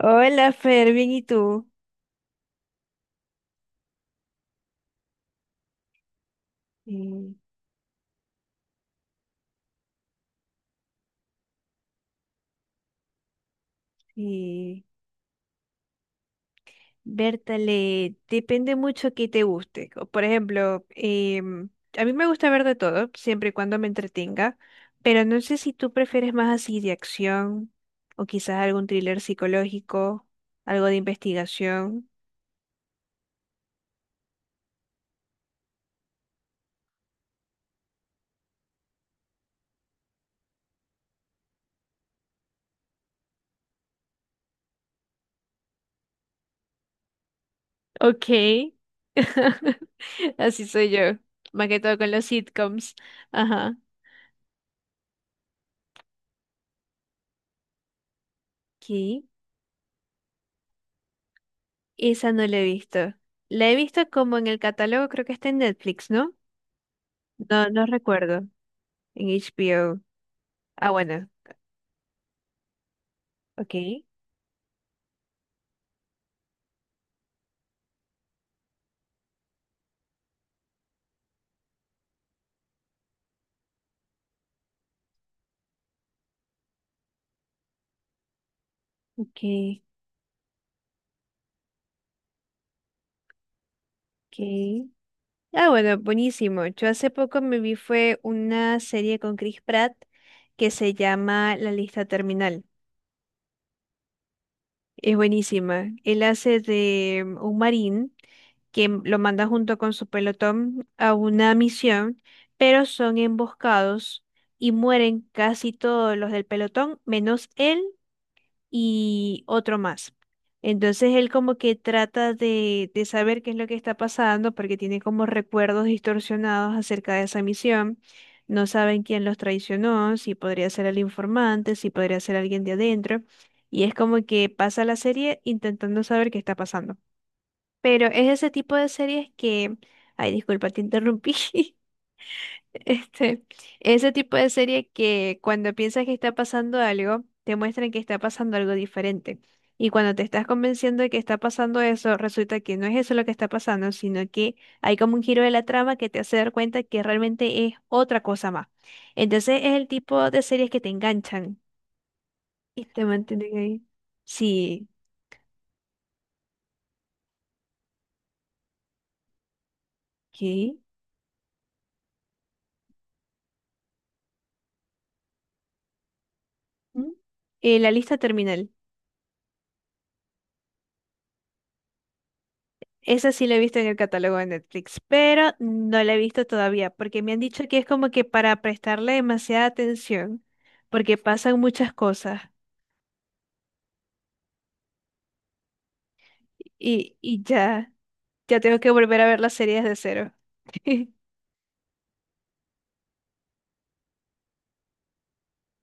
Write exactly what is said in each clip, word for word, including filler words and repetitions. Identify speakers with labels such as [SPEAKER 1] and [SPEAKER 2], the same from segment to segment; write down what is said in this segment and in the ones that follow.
[SPEAKER 1] Hola, Fer, bien, ¿y tú? Mm, sí, Bertale, depende mucho que te guste. O, por ejemplo, em, a mí me gusta ver de todo, siempre y cuando me entretenga, pero no sé si tú prefieres más así de acción o quizás algún thriller psicológico, algo de investigación. Ok. Así soy yo, más que todo con los sitcoms. Ajá. Ok. Esa no la he visto. La he visto como en el catálogo, creo que está en Netflix, ¿no? No, no recuerdo. En H B O. Ah, bueno. Ok, ok, ok. Ah, bueno, buenísimo. Yo hace poco me vi fue una serie con Chris Pratt que se llama La Lista Terminal. Es buenísima. Él hace de mm, un marín que m- lo manda junto con su pelotón a una misión, pero son emboscados y mueren casi todos los del pelotón, menos él y otro más. Entonces él como que trata de, de saber qué es lo que está pasando porque tiene como recuerdos distorsionados acerca de esa misión. No saben quién los traicionó, si podría ser el informante, si podría ser alguien de adentro. Y es como que pasa la serie intentando saber qué está pasando. Pero es ese tipo de series que... Ay, disculpa, te interrumpí. Este, ese tipo de serie que cuando piensas que está pasando algo, te muestran que está pasando algo diferente. Y cuando te estás convenciendo de que está pasando eso, resulta que no es eso lo que está pasando, sino que hay como un giro de la trama que te hace dar cuenta que realmente es otra cosa más. Entonces es el tipo de series que te enganchan y te mantienen ahí. Sí, ¿qué? ¿Mm? Eh, la lista terminal. Esa sí la he visto en el catálogo de Netflix, pero no la he visto todavía porque me han dicho que es como que para prestarle demasiada atención, porque pasan muchas cosas y, y ya, ya tengo que volver a ver las series de cero.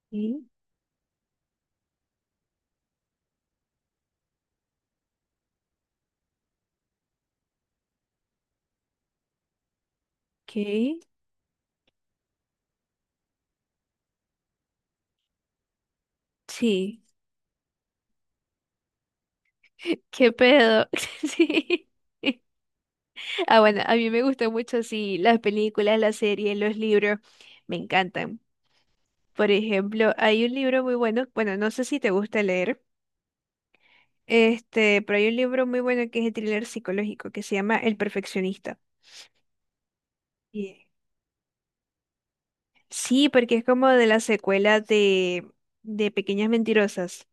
[SPEAKER 1] Sí. ¿Qué? Sí. ¿Qué pedo? Sí. Ah, bueno, a mí me gustan mucho, sí, las películas, las series, los libros, me encantan. Por ejemplo, hay un libro muy bueno, bueno, no sé si te gusta leer. Este, pero hay un libro muy bueno que es de thriller psicológico que se llama El Perfeccionista. Y- sí, porque es como de la secuela de, de Pequeñas Mentirosas.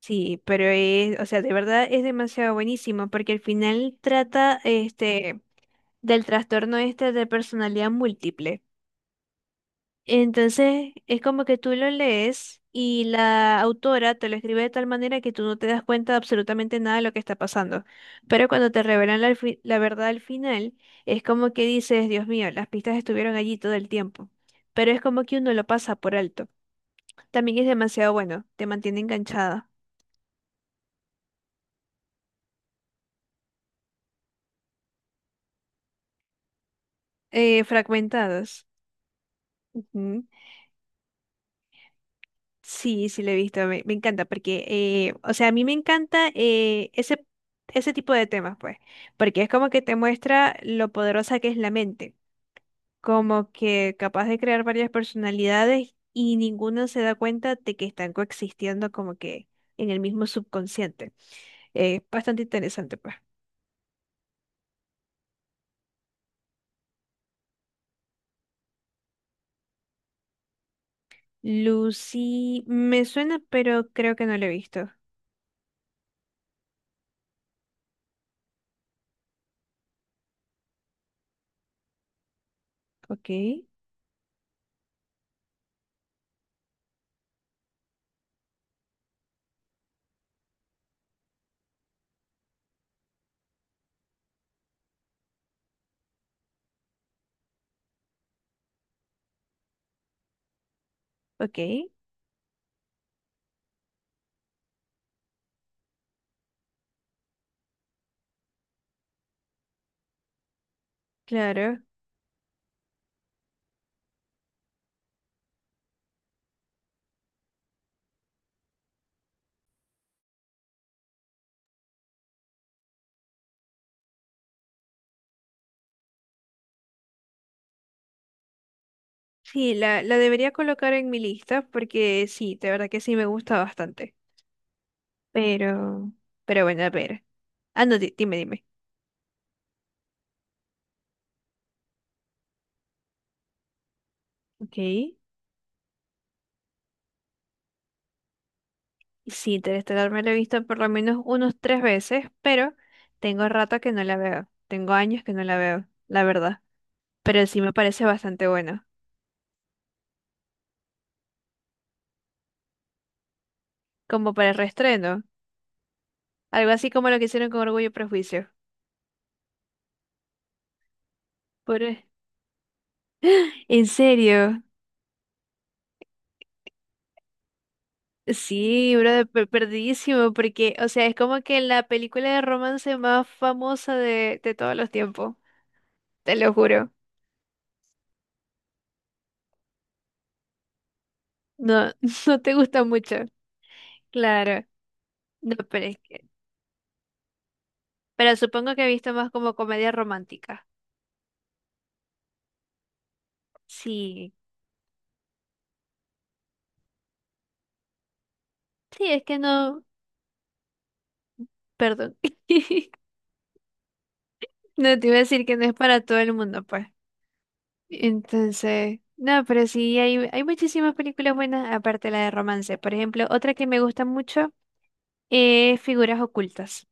[SPEAKER 1] Sí, pero es, o sea, de verdad es demasiado buenísimo porque al final trata este del trastorno este de personalidad múltiple. Entonces, es como que tú lo lees y la autora te lo escribe de tal manera que tú no te das cuenta de absolutamente nada de lo que está pasando. Pero cuando te revelan la, fi- la verdad al final, es como que dices, Dios mío, las pistas estuvieron allí todo el tiempo. Pero es como que uno lo pasa por alto. También es demasiado bueno, te mantiene enganchada. Eh, fragmentados. Sí, sí lo he visto, me, me encanta porque, eh, o sea, a mí me encanta eh, ese, ese tipo de temas, pues, porque es como que te muestra lo poderosa que es la mente, como que capaz de crear varias personalidades y ninguno se da cuenta de que están coexistiendo como que en el mismo subconsciente. Es bastante interesante, pues. Lucy, me suena, pero creo que no lo he visto. Ok, ok, claro. Sí, la, la debería colocar en mi lista porque sí, de verdad que sí me gusta bastante. Pero, pero bueno, a ver. Ah, no, di- dime, dime. Ok. Sí, Interestelar me la he visto por lo menos unos tres veces, pero tengo rato que no la veo. Tengo años que no la veo, la verdad. Pero sí me parece bastante bueno, como para el reestreno. Algo así como lo que hicieron con Orgullo y Prejuicio. Por... ¿En serio? Sí, brother, per- perdidísimo, porque, o sea, es como que la película de romance más famosa de, de todos los tiempos, te lo juro. No, no te gusta mucho. Claro, no, pero es que, pero supongo que he visto más como comedia romántica. Sí, sí, es que no, perdón. No te iba a decir que no es para todo el mundo, pues. Entonces, no, pero sí, hay, hay muchísimas películas buenas, aparte de la de romance. Por ejemplo, otra que me gusta mucho es Figuras Ocultas.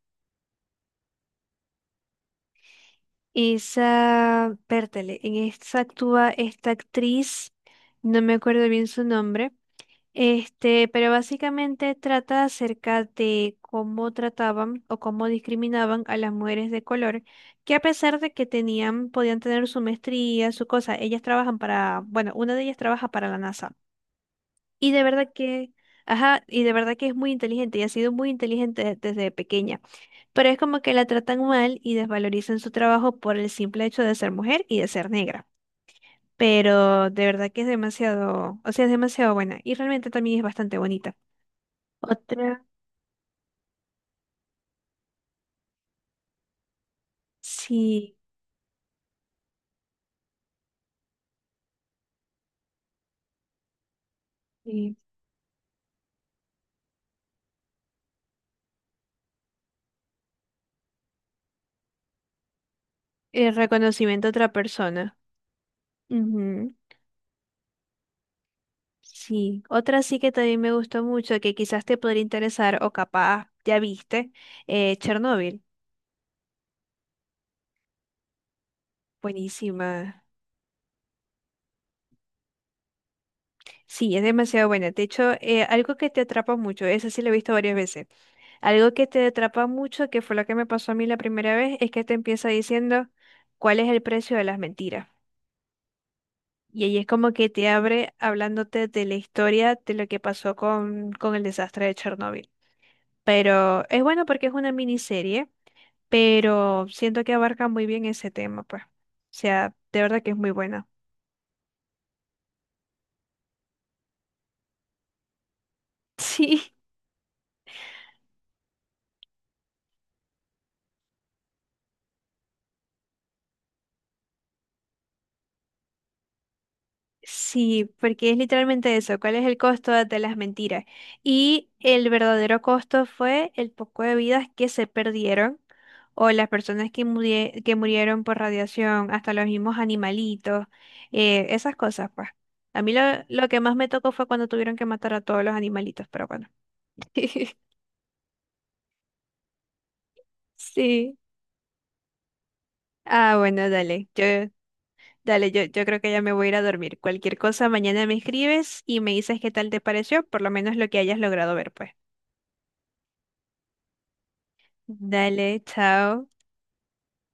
[SPEAKER 1] Esa, pértale, en esa actúa esta actriz, no me acuerdo bien su nombre, este, pero básicamente trata acerca de cómo trataban o cómo discriminaban a las mujeres de color, que a pesar de que tenían, podían tener su maestría, su cosa, ellas trabajan para, bueno, una de ellas trabaja para la NASA. Y de verdad que, ajá, y de verdad que es muy inteligente y ha sido muy inteligente desde pequeña, pero es como que la tratan mal y desvalorizan su trabajo por el simple hecho de ser mujer y de ser negra. Pero de verdad que es demasiado, o sea, es demasiado buena y realmente también es bastante bonita. Otra, sí, sí, el reconocimiento a otra persona. Ujú, sí, otra sí que también me gustó mucho, que quizás te podría interesar o capaz ya viste, eh, Chernobyl. Buenísima. Sí, es demasiado buena. De hecho, eh, algo que te atrapa mucho, esa sí la he visto varias veces. Algo que te atrapa mucho, que fue lo que me pasó a mí la primera vez, es que te empieza diciendo cuál es el precio de las mentiras. Y ahí es como que te abre hablándote de la historia de lo que pasó con, con el desastre de Chernóbil. Pero es bueno porque es una miniserie, pero siento que abarca muy bien ese tema, pues. O sea, de verdad que es muy buena. Sí. Sí, porque es literalmente eso, ¿cuál es el costo de las mentiras? Y el verdadero costo fue el poco de vidas que se perdieron o las personas que, murie- que murieron por radiación, hasta los mismos animalitos, eh, esas cosas, pues. A mí lo, lo que más me tocó fue cuando tuvieron que matar a todos los animalitos, pero bueno. Sí. Ah, bueno, dale. Yo, dale, yo, yo creo que ya me voy a ir a dormir. Cualquier cosa, mañana me escribes y me dices qué tal te pareció, por lo menos lo que hayas logrado ver, pues. Dale, chao.